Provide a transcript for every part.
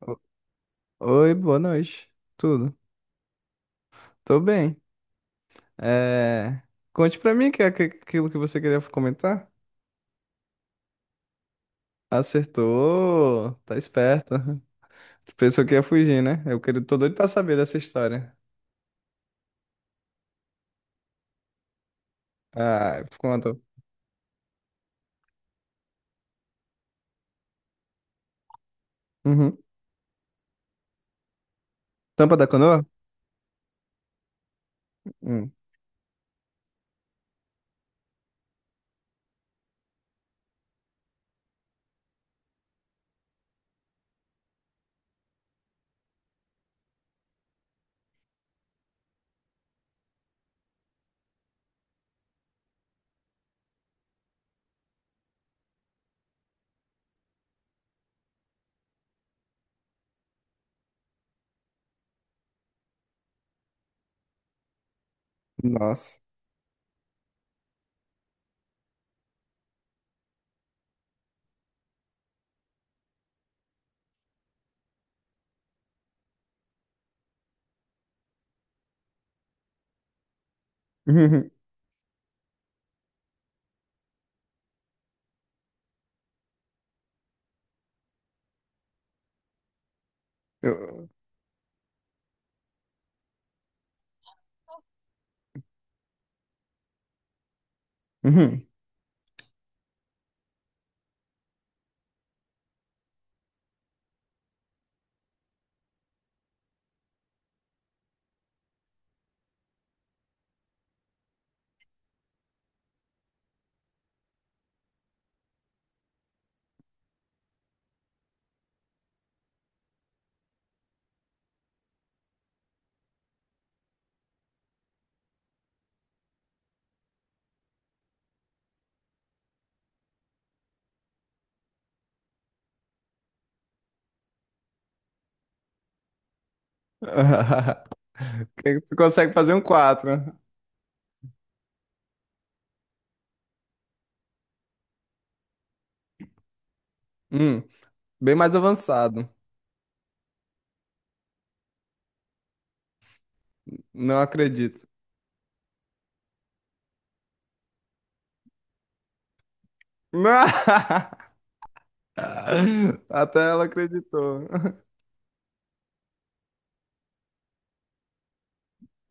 O- Oi, boa noite. Tudo? Tô bem. É, Conte pra mim que é aquilo que você queria comentar. Acertou, tá esperta. Tu pensou que ia fugir, né? Eu queria... tô doido pra saber dessa história. Ah, conta. Uhum. Tampa da canoa? Hum. Nossa. Uhum. Eu- Uhum. Tu consegue fazer um quatro? Hum. Bem mais avançado. Não acredito. Até ela acreditou.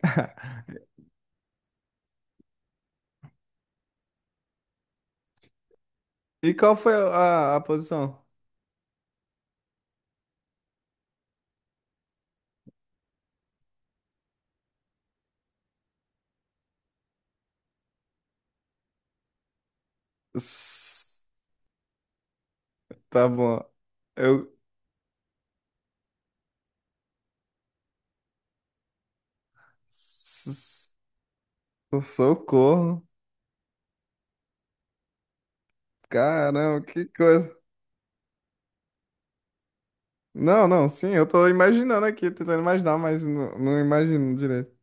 E qual foi a posição? S- Tá bom. Eu. s- Socorro. Caramba, que coisa. Não, não, sim, eu tô imaginando aqui, tentando imaginar, mas não imagino direito.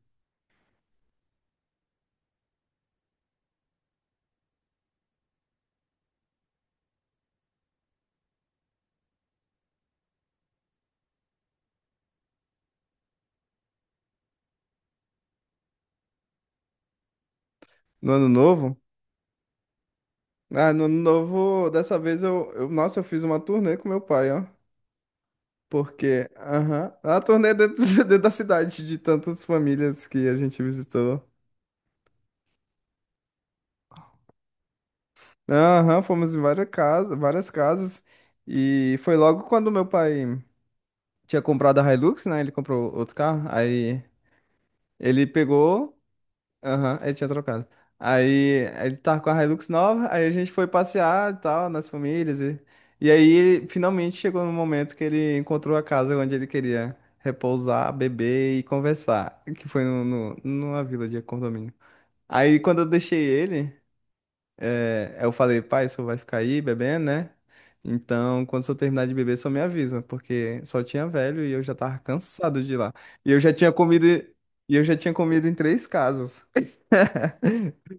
No ano novo? Ah, no ano novo, dessa vez eu. Nossa, eu fiz uma turnê com meu pai, ó. Porque, aham, a turnê dentro, dentro da cidade, de tantas famílias que a gente visitou. Aham, fomos em várias casas, várias casas. E foi logo quando meu pai tinha comprado a Hilux, né? Ele comprou outro carro. Aí ele pegou. Aham, ele tinha trocado. Aí ele tava com a Hilux nova. Aí a gente foi passear e tal, nas famílias. E aí ele finalmente chegou no momento que ele encontrou a casa onde ele queria repousar, beber e conversar. Que foi no, no, numa vila de condomínio. Aí quando eu deixei ele. É, aí eu falei, pai, o senhor vai ficar aí bebendo, né? Então, quando o senhor terminar de beber, só me avisa, porque só tinha velho e eu já tava cansado de ir lá. E eu já tinha comido, e eu já tinha comido em três casos.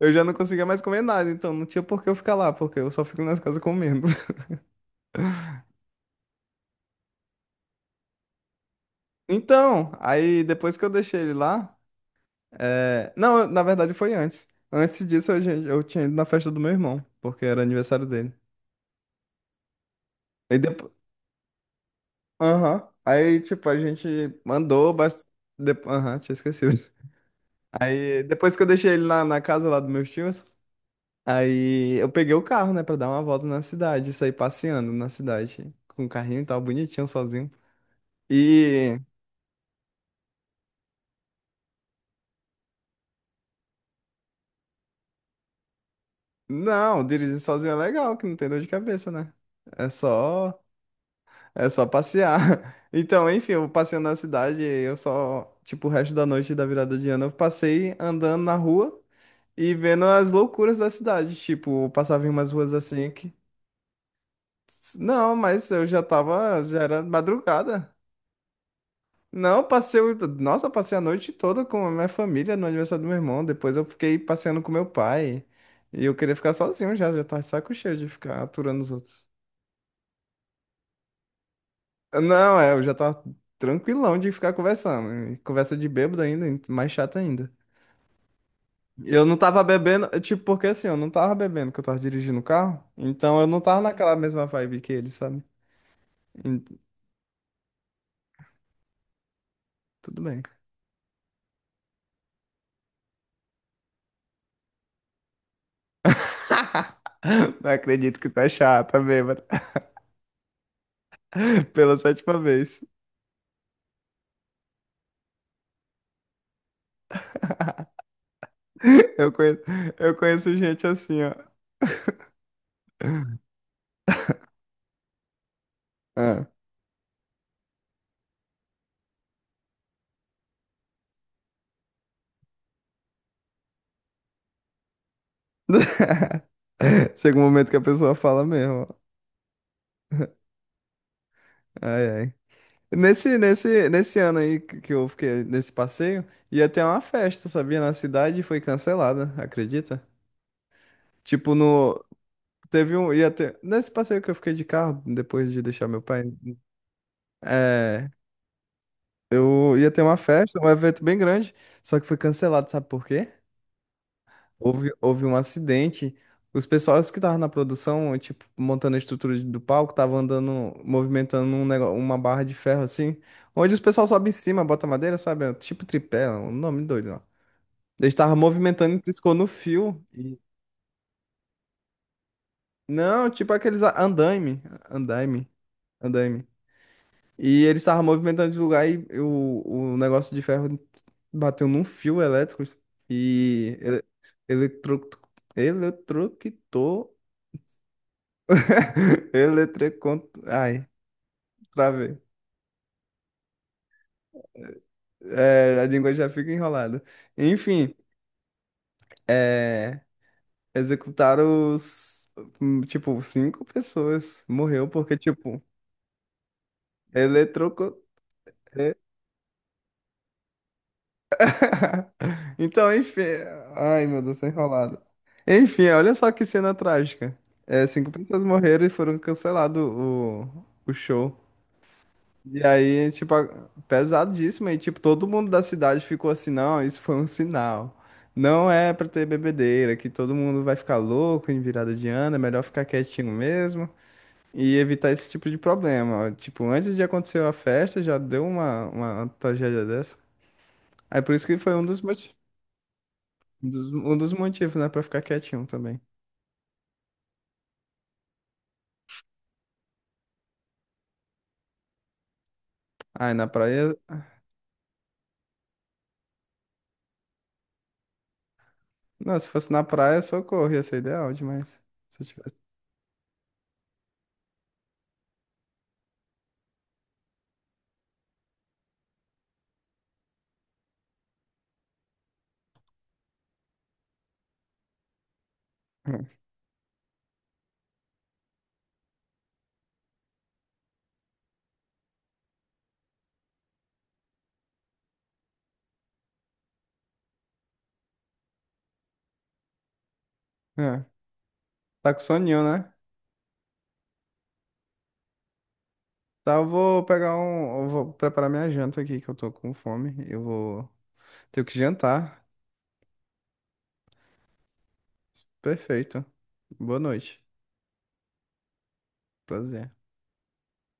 Eu já não conseguia mais comer nada, então não tinha por que eu ficar lá, porque eu só fico nas casas comendo. Então, aí depois que eu deixei ele lá, é, não, eu- na verdade foi antes. Antes disso eu tinha ido na festa do meu irmão, porque era aniversário dele. E depois Aham. Aí, tipo, a gente mandou bastante. Aham, tinha esquecido. Aí, depois que eu deixei ele na casa lá dos meus tios, aí eu peguei o carro, né, pra dar uma volta na cidade, sair passeando na cidade, com o carrinho e tal, bonitinho, sozinho. E, não, dirigir sozinho é legal, que não tem dor de cabeça, né? É só, É só passear. Então, enfim, eu passeando na cidade, eu só, tipo, o resto da noite da virada de ano, eu passei andando na rua. E vendo as loucuras da cidade. Tipo, eu passava em umas ruas assim que. Não, mas eu já tava. Já era madrugada. Não, eu passei. Nossa, eu passei a noite toda com a minha família no aniversário do meu irmão. Depois eu fiquei passeando com meu pai. E eu queria ficar sozinho já. Já tava de saco cheio de ficar aturando os outros. Não, é, eu já tava tranquilão de ficar conversando. E conversa de bêbado ainda, e mais chato ainda. Eu não tava bebendo, tipo, porque assim, eu não tava bebendo que eu tava dirigindo o carro, então eu não tava naquela mesma vibe que ele, sabe? Hum, Tudo bem. Não acredito que tá chata, bêbada. Pela sétima vez. Eu conheço, eu conheço gente assim, ó. Ah. Chega um momento que a pessoa fala mesmo. Ai, ai. Nesse ano aí que eu fiquei nesse passeio, ia ter uma festa, sabia? Na cidade e foi cancelada, acredita? Tipo, no. Teve um. Ia ter, nesse passeio que eu fiquei de carro, depois de deixar meu pai. É. Eu ia ter uma festa, um evento bem grande, só que foi cancelado, sabe por quê? Houve um acidente. Os pessoais que estavam na produção, tipo, montando a estrutura do palco, estavam andando, movimentando um negócio, uma barra de ferro assim, onde os pessoal sobe em cima, bota madeira, sabe? É um tipo tripé, um nome doido lá. Eles estavam movimentando e piscou no fio. E... Não, tipo aqueles andaime, andaime, andaime. E ele estava movimentando de lugar e o negócio de ferro bateu num fio elétrico e eletro, eletrocutou. Eletrocont... Ai, travei. É, a língua já fica enrolada. Enfim, é, executaram os. Tipo, cinco pessoas. Morreu porque, tipo, eletrocu... Então, enfim. Ai, meu Deus, tô enrolado. Enfim, olha só que cena trágica. É, cinco pessoas morreram e foram cancelado o show. E aí, tipo, pesadíssimo. E, tipo, todo mundo da cidade ficou assim: não, isso foi um sinal. Não é pra ter bebedeira, que todo mundo vai ficar louco em virada de ano, é melhor ficar quietinho mesmo e evitar esse tipo de problema. Tipo, antes de acontecer a festa, já deu uma tragédia dessa. Aí, por isso que foi um dos motivos. Um dos motivos, né, pra ficar quietinho também. Ah, e na praia. Não, se fosse na praia, socorro, ia ser ideal demais. Se eu tivesse. É. É. Tá com soninho, né? Tá, eu vou pegar um. Eu vou preparar minha janta aqui, que eu tô com fome. Eu vou. Tenho que jantar. Perfeito. Boa noite. Prazer.